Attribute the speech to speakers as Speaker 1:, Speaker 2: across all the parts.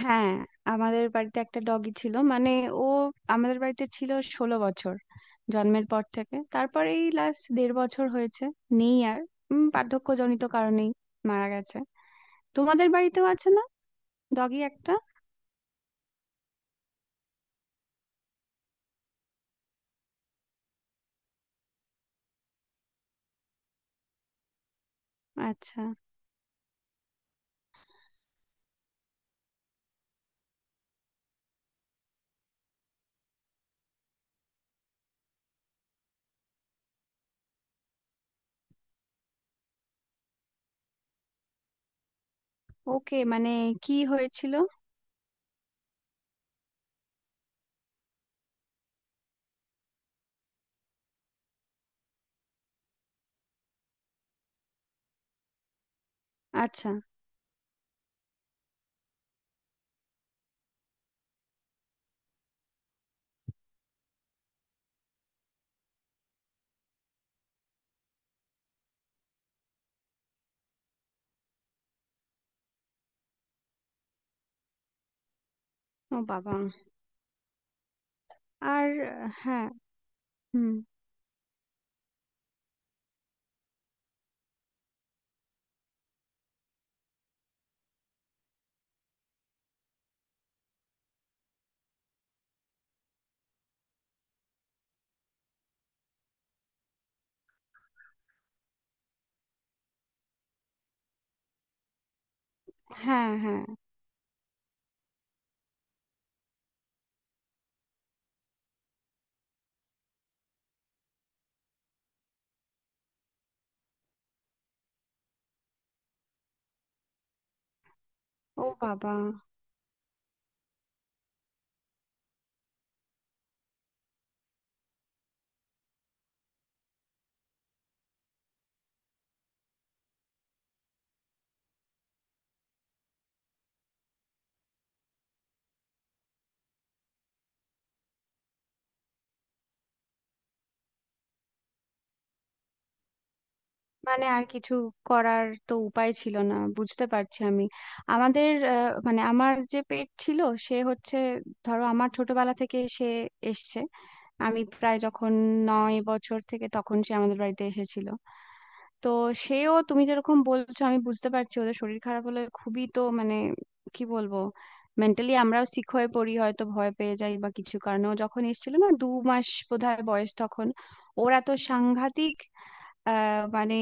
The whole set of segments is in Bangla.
Speaker 1: হ্যাঁ, আমাদের বাড়িতে একটা ডগি ছিল। মানে, ও আমাদের বাড়িতে ছিল 16 বছর, জন্মের পর থেকে। তারপর এই লাস্ট 1.5 বছর হয়েছে নেই আর। বার্ধক্যজনিত কারণেই মারা গেছে। তোমাদের বাড়িতেও আছে না, ডগি একটা? আচ্ছা। ওকে, মানে কি হয়েছিল? আচ্ছা। ও বাবা। আর হ্যাঁ। হুম। হ্যাঁ, হ্যাঁ। ও বাবা। মানে আর কিছু করার তো উপায় ছিল না, বুঝতে পারছি আমি। আমাদের মানে আমার যে পেট ছিল, সে হচ্ছে, ধরো আমার ছোটবেলা থেকে সে এসছে। আমি প্রায় যখন 9 বছর, থেকে তখন সে আমাদের বাড়িতে এসেছিল। তো সেও তুমি যেরকম বলছো, আমি বুঝতে পারছি, ওদের শরীর খারাপ হলে খুবই তো, মানে কি বলবো, মেন্টালি আমরাও সিক হয়ে পড়ি, হয়তো ভয় পেয়ে যাই বা কিছু কারণে। ও যখন এসেছিল না, 2 মাস বোধহয় বয়স তখন, ওরা তো সাংঘাতিক আহ মানে,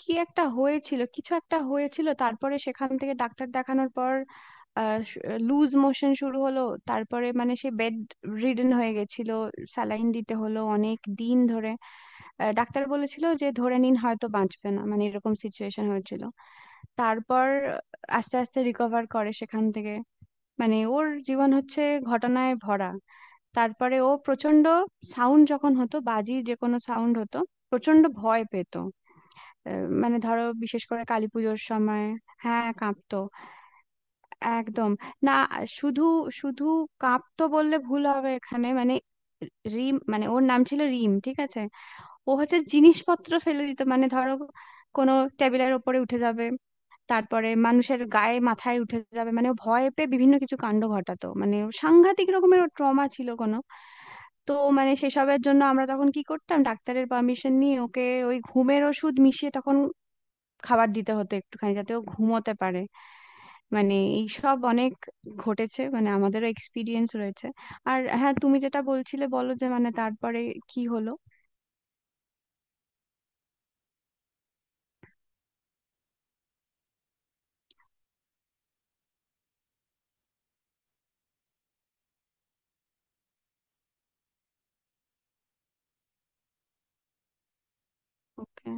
Speaker 1: কি একটা হয়েছিল, কিছু একটা হয়েছিল। তারপরে সেখান থেকে ডাক্তার দেখানোর পর লুজ মোশন শুরু হলো। তারপরে মানে সে বেড রিডেন হয়ে গেছিল, স্যালাইন দিতে হলো অনেক দিন ধরে। আহ, ডাক্তার বলেছিল যে ধরে নিন হয়তো বাঁচবে না, মানে এরকম সিচুয়েশন হয়েছিল। তারপর আস্তে আস্তে রিকভার করে সেখান থেকে। মানে ওর জীবন হচ্ছে ঘটনায় ভরা। তারপরে ও প্রচন্ড, সাউন্ড যখন হতো, বাজির যে কোনো সাউন্ড হতো, প্রচন্ড ভয় পেত। মানে ধরো বিশেষ করে কালী পুজোর সময়। হ্যাঁ, কাঁপতো। একদম না, শুধু শুধু কাঁপতো বললে ভুল হবে এখানে। মানে রিম, মানে ওর নাম ছিল রিম, ঠিক আছে? ও হচ্ছে জিনিসপত্র ফেলে দিত। মানে ধরো কোনো টেবিলের ওপরে উঠে যাবে, তারপরে মানুষের গায়ে মাথায় উঠে যাবে। মানে ও ভয় পেয়ে বিভিন্ন কিছু কাণ্ড ঘটাতো। মানে ও সাংঘাতিক রকমের ট্রমা ছিল কোনো। তো মানে সেসবের জন্য আমরা তখন কি করতাম, ডাক্তারের পারমিশন নিয়ে ওকে ওই ঘুমের ওষুধ মিশিয়ে তখন খাবার দিতে হতো একটুখানি, যাতে ও ঘুমোতে পারে। মানে এইসব অনেক ঘটেছে, মানে আমাদেরও এক্সপিরিয়েন্স রয়েছে। আর হ্যাঁ, তুমি যেটা বলছিলে বলো, যে মানে তারপরে কি হলো। ওকে।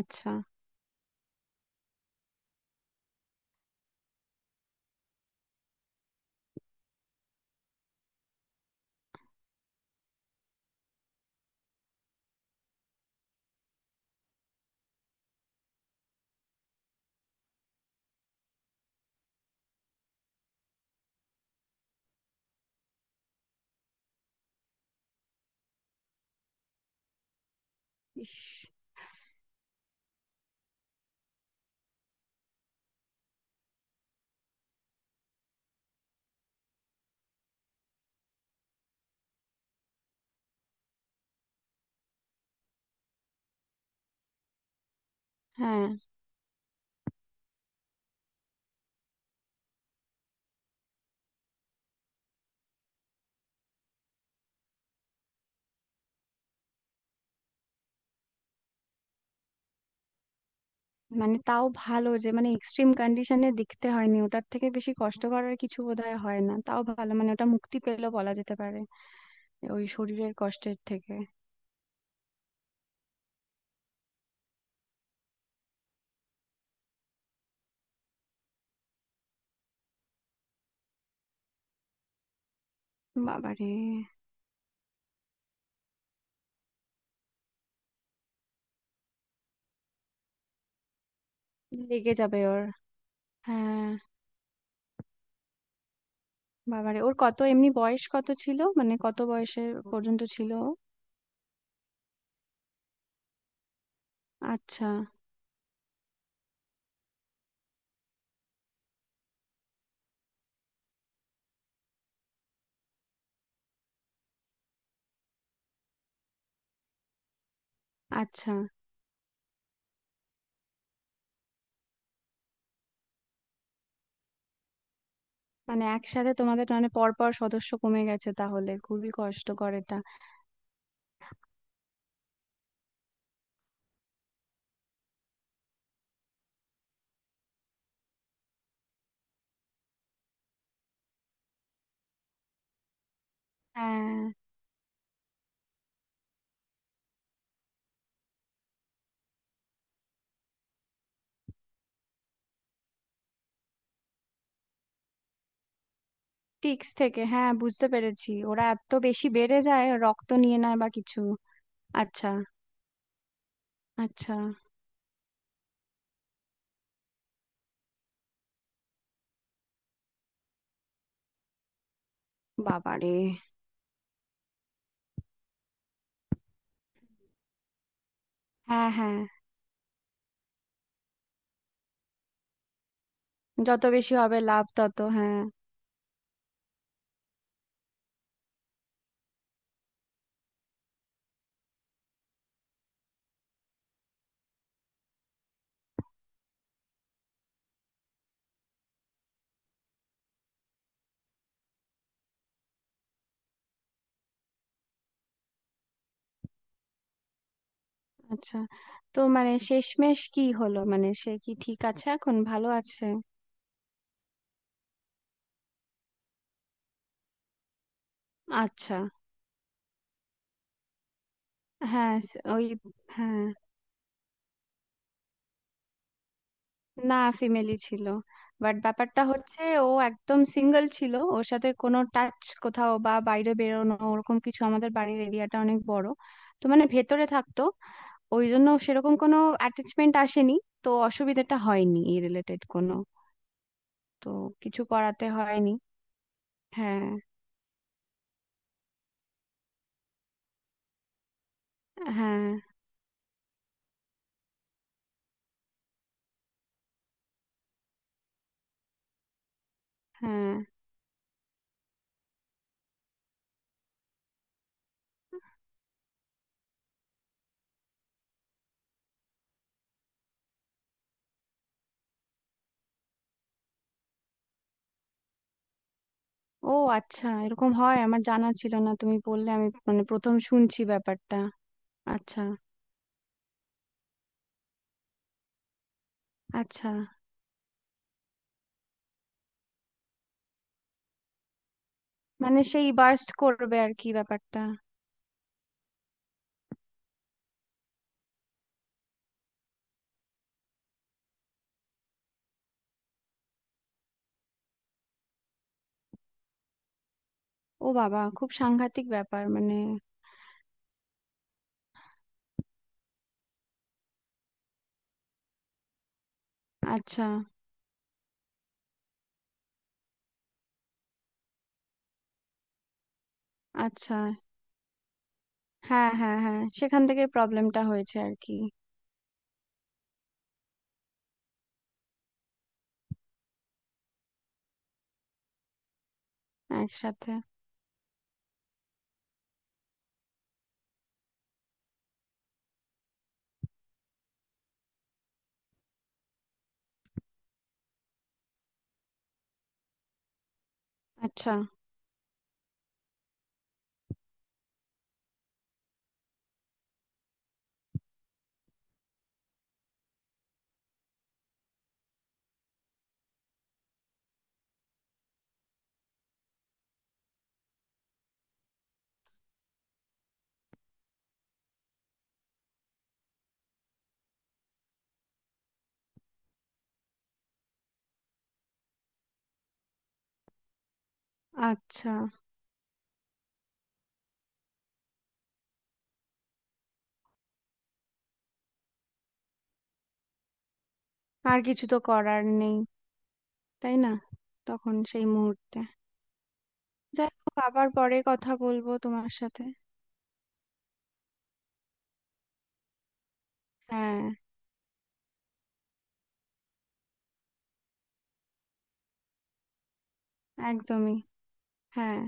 Speaker 1: আচ্ছা। ইস। হ্যাঁ। মানে তাও ভালো, যে মানে এক্সট্রিম কন্ডিশনে দেখতে হয়নি। ওটার থেকে বেশি কষ্টকর আর কিছু বোধহয় হয় না। তাও ভালো, মানে ওটা মুক্তি পেলো বলা যেতে পারে ওই শরীরের কষ্টের থেকে। বাবারে। লেগে যাবে ওর। হ্যাঁ। বাবারে, ওর কত, এমনি বয়স কত ছিল, মানে কত বয়সে পর্যন্ত ছিল ও? আচ্ছা। আচ্ছা। মানে একসাথে তোমাদের মানে পরপর সদস্য কমে গেছে তাহলে, খুবই কষ্টকর এটা। হ্যাঁ, টিক্স থেকে, হ্যাঁ বুঝতে পেরেছি। ওরা এত বেশি বেড়ে যায়, রক্ত নিয়ে নেয় বা কিছু। আচ্ছা। আচ্ছা। বাবারে। হ্যাঁ, হ্যাঁ, যত বেশি হবে লাভ তত, হ্যাঁ। আচ্ছা। তো মানে শেষমেশ কি হলো, মানে সে কি ঠিক আছে এখন, ভালো আছে? আচ্ছা। হ্যাঁ, ওই, হ্যাঁ। না, ফিমেলি ছিল। বাট ব্যাপারটা হচ্ছে ও একদম সিঙ্গেল ছিল। ওর সাথে কোনো টাচ কোথাও বা বাইরে বেরোনো ওরকম কিছু, আমাদের বাড়ির এরিয়াটা অনেক বড়, তো মানে ভেতরে থাকতো। ওই জন্য সেরকম কোনো অ্যাটাচমেন্ট আসেনি। তো অসুবিধাটা হয়নি এই রিলেটেড কোনো। তো কিছু করাতে হয়নি। হ্যাঁ, হ্যাঁ, হ্যাঁ। ও আচ্ছা, এরকম হয়? আমার জানা ছিল না, তুমি বললে আমি মানে প্রথম শুনছি ব্যাপারটা। আচ্ছা। আচ্ছা। মানে সেই বার্স্ট করবে আর কি, ব্যাপারটা? ও বাবা, খুব সাংঘাতিক ব্যাপার মানে। আচ্ছা। আচ্ছা। হ্যাঁ, হ্যাঁ, হ্যাঁ, সেখান থেকে প্রবলেমটা হয়েছে আর কি। একসাথে। আচ্ছা। আচ্ছা। আর কিছু তো করার নেই, তাই না? তখন সেই মুহূর্তে। যাই হোক, আবার পরে কথা বলবো তোমার সাথে। হ্যাঁ, একদমই, হ্যাঁ।